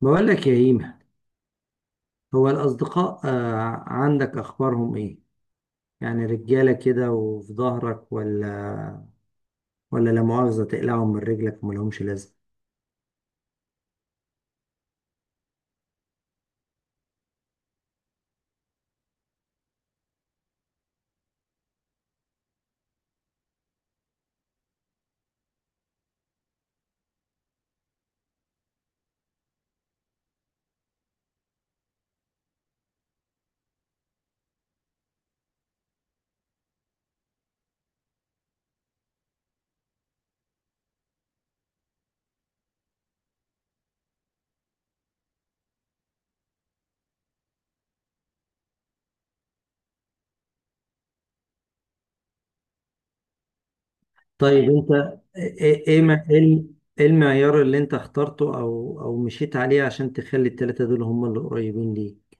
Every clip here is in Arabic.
بقول لك يا إيمة، هو الأصدقاء عندك أخبارهم إيه؟ يعني رجالة كده وفي ظهرك، ولا لا مؤاخذة تقلعهم من رجلك وملهمش لازمة. طيب، أنت إيه إيه إيه ما- إيه ال- إيه المعيار اللي أنت اخترته أو مشيت عليه عشان تخلي التلاتة دول هم اللي قريبين ليك؟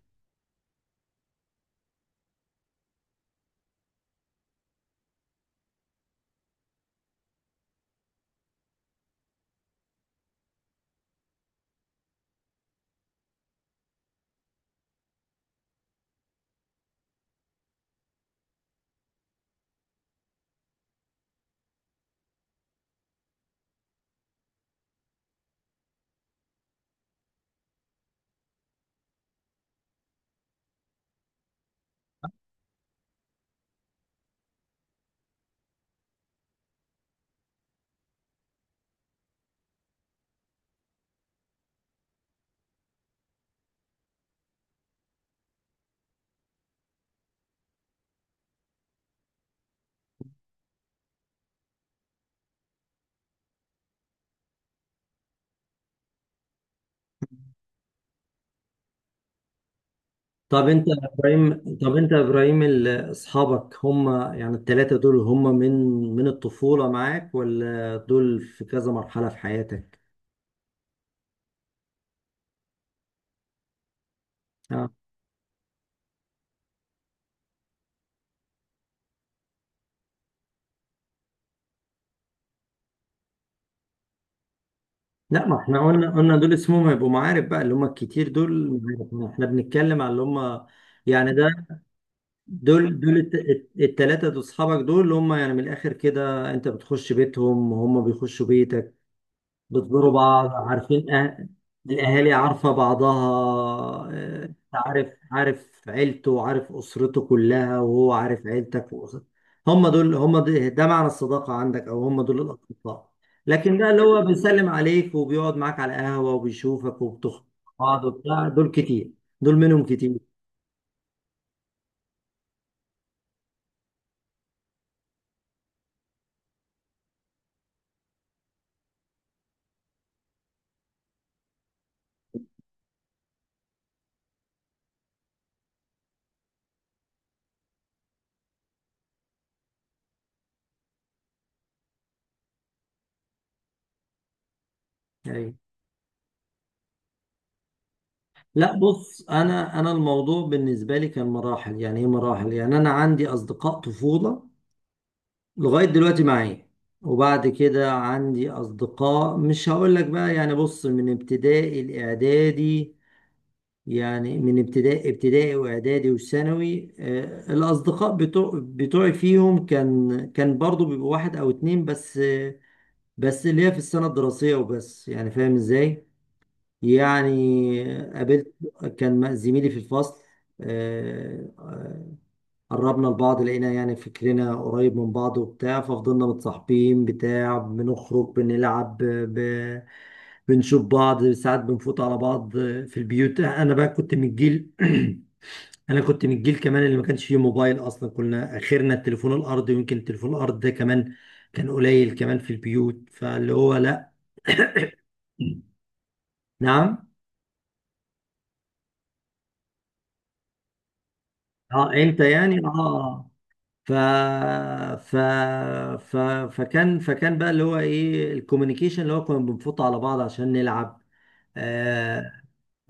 طب أنت يا إبراهيم طب أنت يا إبراهيم، أصحابك هم، يعني التلاتة دول، هم من الطفولة معاك، ولا دول في كذا مرحلة في حياتك؟ لا، ما احنا قلنا دول اسمهم هيبقوا معارف بقى، اللي هم الكتير دول. معارف. احنا بنتكلم على اللي هم، يعني ده، التلاتة دول، اصحابك، دول اللي هم يعني من الاخر كده انت بتخش بيتهم وهم بيخشوا بيتك، بتزوروا بعض، عارفين. أه... الأهالي عارفة بعضها، عارف عيلته وعارف أسرته كلها، وهو عارف عيلتك وأسرتك. هم دول، ده معنى الصداقة عندك، أو هم دول الأصدقاء؟ لكن ده اللي هو بيسلم عليك وبيقعد معاك على القهوة وبيشوفك وبتخرجوا مع بعض وبتاع، دول كتير، دول منهم كتير، يعني. لا، بص، أنا الموضوع بالنسبة لي كان مراحل، يعني إيه مراحل، يعني أنا عندي أصدقاء طفولة لغاية دلوقتي معايا، وبعد كده عندي أصدقاء، مش هقول لك بقى، يعني بص، من ابتدائي الإعدادي، يعني من ابتدائي وإعدادي وثانوي. الأصدقاء بتوعي فيهم، كان برضو بيبقوا واحد أو اتنين بس، بس اللي هي في السنة الدراسية وبس، يعني فاهم إزاي؟ يعني قابلت، كان زميلي في الفصل، آه، قربنا لبعض، لقينا يعني فكرنا قريب من بعض وبتاع، ففضلنا متصاحبين بتاع، بنخرج بنلعب، بنشوف بعض ساعات، بنفوت على بعض في البيوت. انا بقى كنت من الجيل انا كنت من الجيل كمان اللي ما كانش فيه موبايل اصلا، كنا اخرنا التليفون الارضي، ويمكن التليفون الارضي ده كمان كان قليل كمان في البيوت، فاللي هو لا. نعم. اه انت يعني. اه ف... ف... ف... فكان فكان بقى اللي هو ايه الكوميونيكيشن، اللي هو كنا بنفوت على بعض عشان نلعب. آه...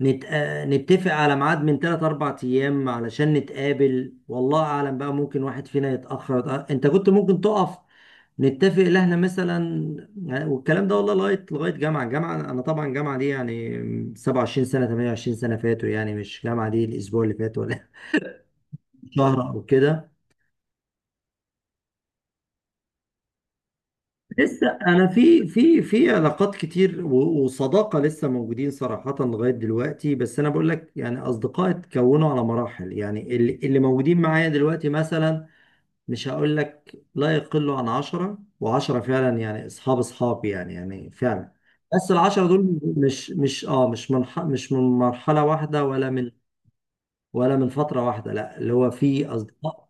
نتفق على ميعاد من ثلاث اربع ايام علشان نتقابل، والله اعلم بقى، ممكن واحد فينا يتأخر، انت كنت ممكن تقف، نتفق ان احنا مثلا. والكلام ده، والله، لغايه جامعه، انا طبعا جامعه دي يعني 27 سنه، 28 سنه فاتوا، يعني مش جامعه دي الاسبوع اللي فات، ولا شهر او كده. لسه انا في علاقات كتير، وصداقه لسه موجودين صراحه لغايه دلوقتي، بس انا بقول لك يعني اصدقاء اتكونوا على مراحل، يعني اللي موجودين معايا دلوقتي مثلا، مش هقول لك، لا يقلوا عن 10 و10 فعلا يعني اصحابي، يعني فعلا. بس العشرة دول، مش مش اه مش من ح- مش من مرحله واحده ولا من، ولا من فتره واحده، لا، اللي هو في اصدقاء،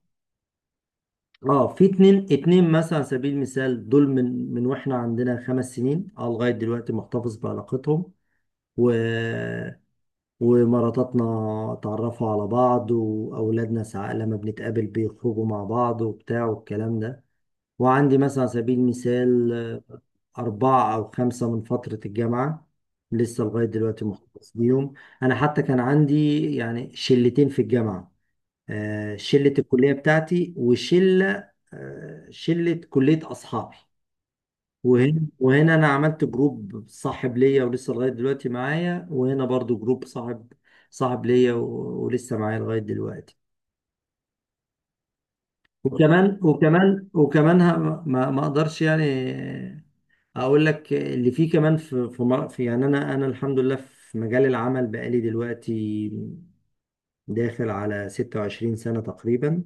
اه في اتنين، اتنين مثلا على سبيل المثال دول، من واحنا عندنا 5 سنين، لغايه دلوقتي محتفظ بعلاقتهم، و ومراتاتنا اتعرفوا على بعض، واولادنا ساعات لما بنتقابل بيخرجوا مع بعض وبتاع والكلام ده. وعندي مثلا على سبيل المثال، اربعه او خمسه من فتره الجامعه لسه لغايه دلوقتي محتفظ بيهم. انا حتى كان عندي يعني شلتين في الجامعه، شلة الكلية بتاعتي، وشلة آه، شلة كلية أصحابي، وهنا أنا عملت جروب صاحب ليا، ولسه لغاية دلوقتي معايا، وهنا برضو جروب صاحب ليا، ولسه معايا لغاية دلوقتي. وكمان ما أقدرش، يعني، أقول لك اللي فيه كمان، يعني أنا الحمد لله في مجال العمل بقالي دلوقتي داخل على 26 سنة تقريبا،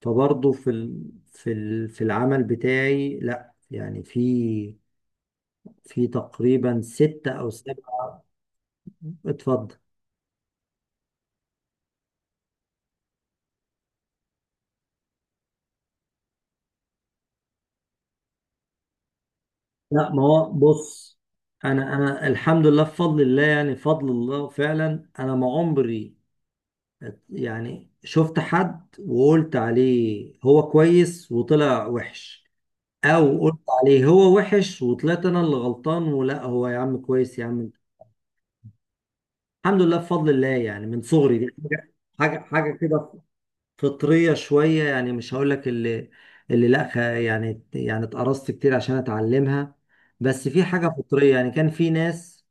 فبرضه في العمل بتاعي، لا، يعني في تقريبا ستة أو سبعة. اتفضل. لا، ما هو بص، أنا الحمد لله بفضل الله، يعني فضل الله فعلا، أنا ما عمري يعني شفت حد وقلت عليه هو كويس وطلع وحش، أو قلت عليه هو وحش وطلعت أنا اللي غلطان، ولا هو يا عم كويس يا عم. الحمد لله بفضل الله، يعني من صغري دي حاجة كده، فطرية شوية، يعني مش هقولك اللي لا. يعني اتقرصت كتير عشان اتعلمها، بس في حاجة فطرية، يعني كان في ناس،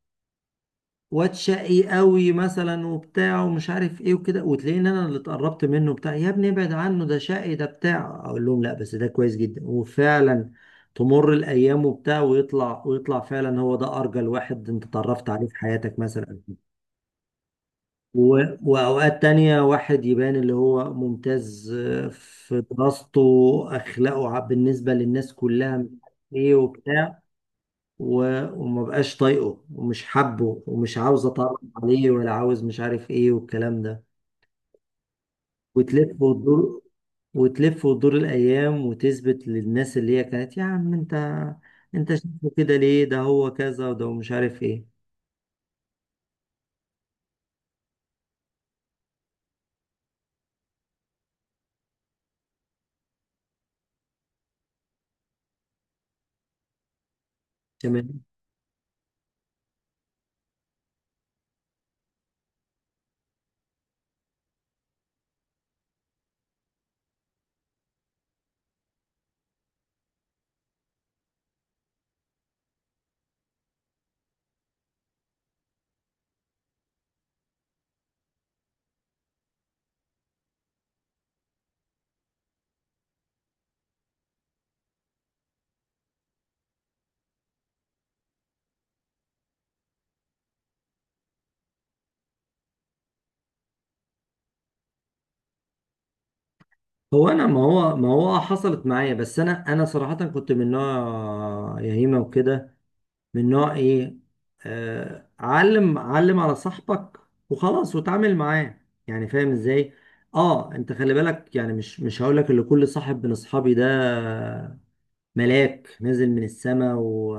واد شقي قوي مثلا وبتاع ومش عارف ايه وكده، وتلاقيني انا اللي اتقربت منه بتاع، يا ابني ابعد عنه ده شقي ده بتاع، اقول لهم لا بس ده كويس جدا، وفعلا تمر الايام وبتاع ويطلع، ويطلع فعلا هو ده ارجل واحد انت اتعرفت عليه في حياتك مثلا. وأوقات تانية واحد يبان اللي هو ممتاز في دراسته، أخلاقه بالنسبة للناس كلها مش عارف إيه وبتاع، وما بقاش طايقه ومش حابه ومش عاوز أتعرف عليه ولا عاوز مش عارف إيه والكلام ده، وتلف وتدور، وتلف وتدور الأيام، وتثبت للناس اللي هي كانت يا عم أنت شايفه كده ليه، ده هو كذا وده مش عارف إيه. تمام. هو انا، ما هو حصلت معايا، بس انا صراحة كنت من نوع يهيمة وكده، من نوع ايه، علم علم على صاحبك وخلاص وتعامل معاه، يعني فاهم ازاي. اه انت خلي بالك، يعني مش هقول لك اللي كل صاحب من اصحابي ده ملاك نزل من السماء،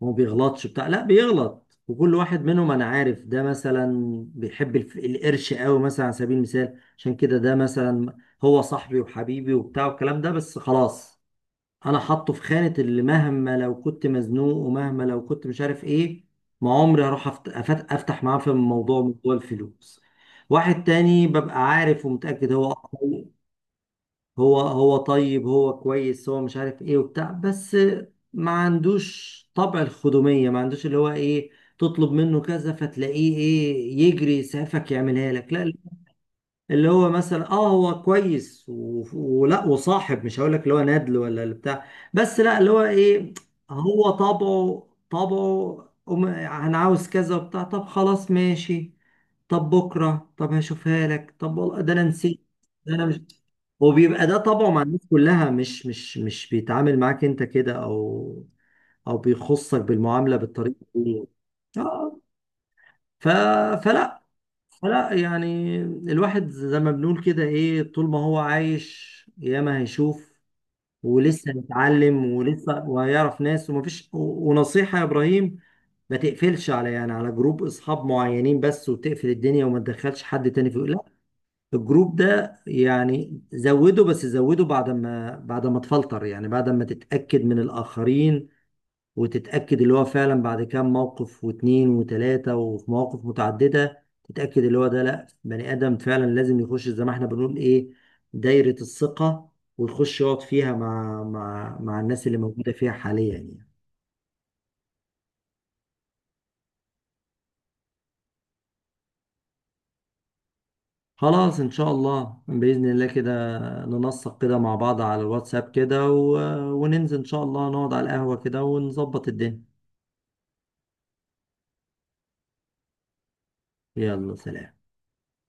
وما بيغلطش بتاع، لا بيغلط، وكل واحد منهم انا عارف. ده مثلا بيحب القرش قوي مثلا على سبيل المثال، عشان كده ده مثلا هو صاحبي وحبيبي وبتاع والكلام ده، بس خلاص، انا حاطه في خانة اللي مهما لو كنت مزنوق ومهما لو كنت مش عارف ايه، ما عمري هروح افتح معاه في موضوع الفلوس. واحد تاني ببقى عارف ومتأكد هو أقوى، هو طيب، هو كويس، هو مش عارف ايه وبتاع، بس ما عندوش طبع الخدومية، ما عندوش اللي هو ايه تطلب منه كذا فتلاقيه ايه يجري يسعفك يعملها لك، لا اللي هو مثلا، هو كويس، ولا وصاحب، مش هقول لك اللي هو نادل ولا اللي بتاع، بس لا، اللي هو ايه، هو طبعه، أم- انا عاوز كذا وبتاع، طب خلاص ماشي، طب بكره، طب هشوفها لك، طب والله ده انا نسيت، ده انا مش، وبيبقى ده طبعه مع الناس كلها، مش بيتعامل معاك انت كده او بيخصك بالمعامله بالطريقه دي. آه، ف... فلا لا يعني الواحد زي ما بنقول كده، ايه، طول ما هو عايش ياما هيشوف، ولسه هيتعلم، ولسه وهيعرف ناس ومفيش، ونصيحة يا ابراهيم، ما تقفلش على يعني على جروب اصحاب معينين بس وتقفل الدنيا وما تدخلش حد تاني فيه. لا، الجروب ده يعني زوده بس، زوده بعد ما تفلتر، يعني بعد ما تتأكد من الآخرين، وتتأكد اللي هو فعلا بعد كام موقف، واتنين، وتلاتة، وفي مواقف متعددة تتأكد اللي هو ده، لأ، بني آدم فعلا لازم يخش زي ما احنا بنقول إيه، دايرة الثقة، ويخش يقعد فيها مع الناس اللي موجودة فيها حاليا، يعني. خلاص، إن شاء الله، بإذن الله كده ننسق كده مع بعض على الواتساب كده، وننزل إن شاء الله نقعد على القهوة كده ونظبط الدنيا. يلا سلام.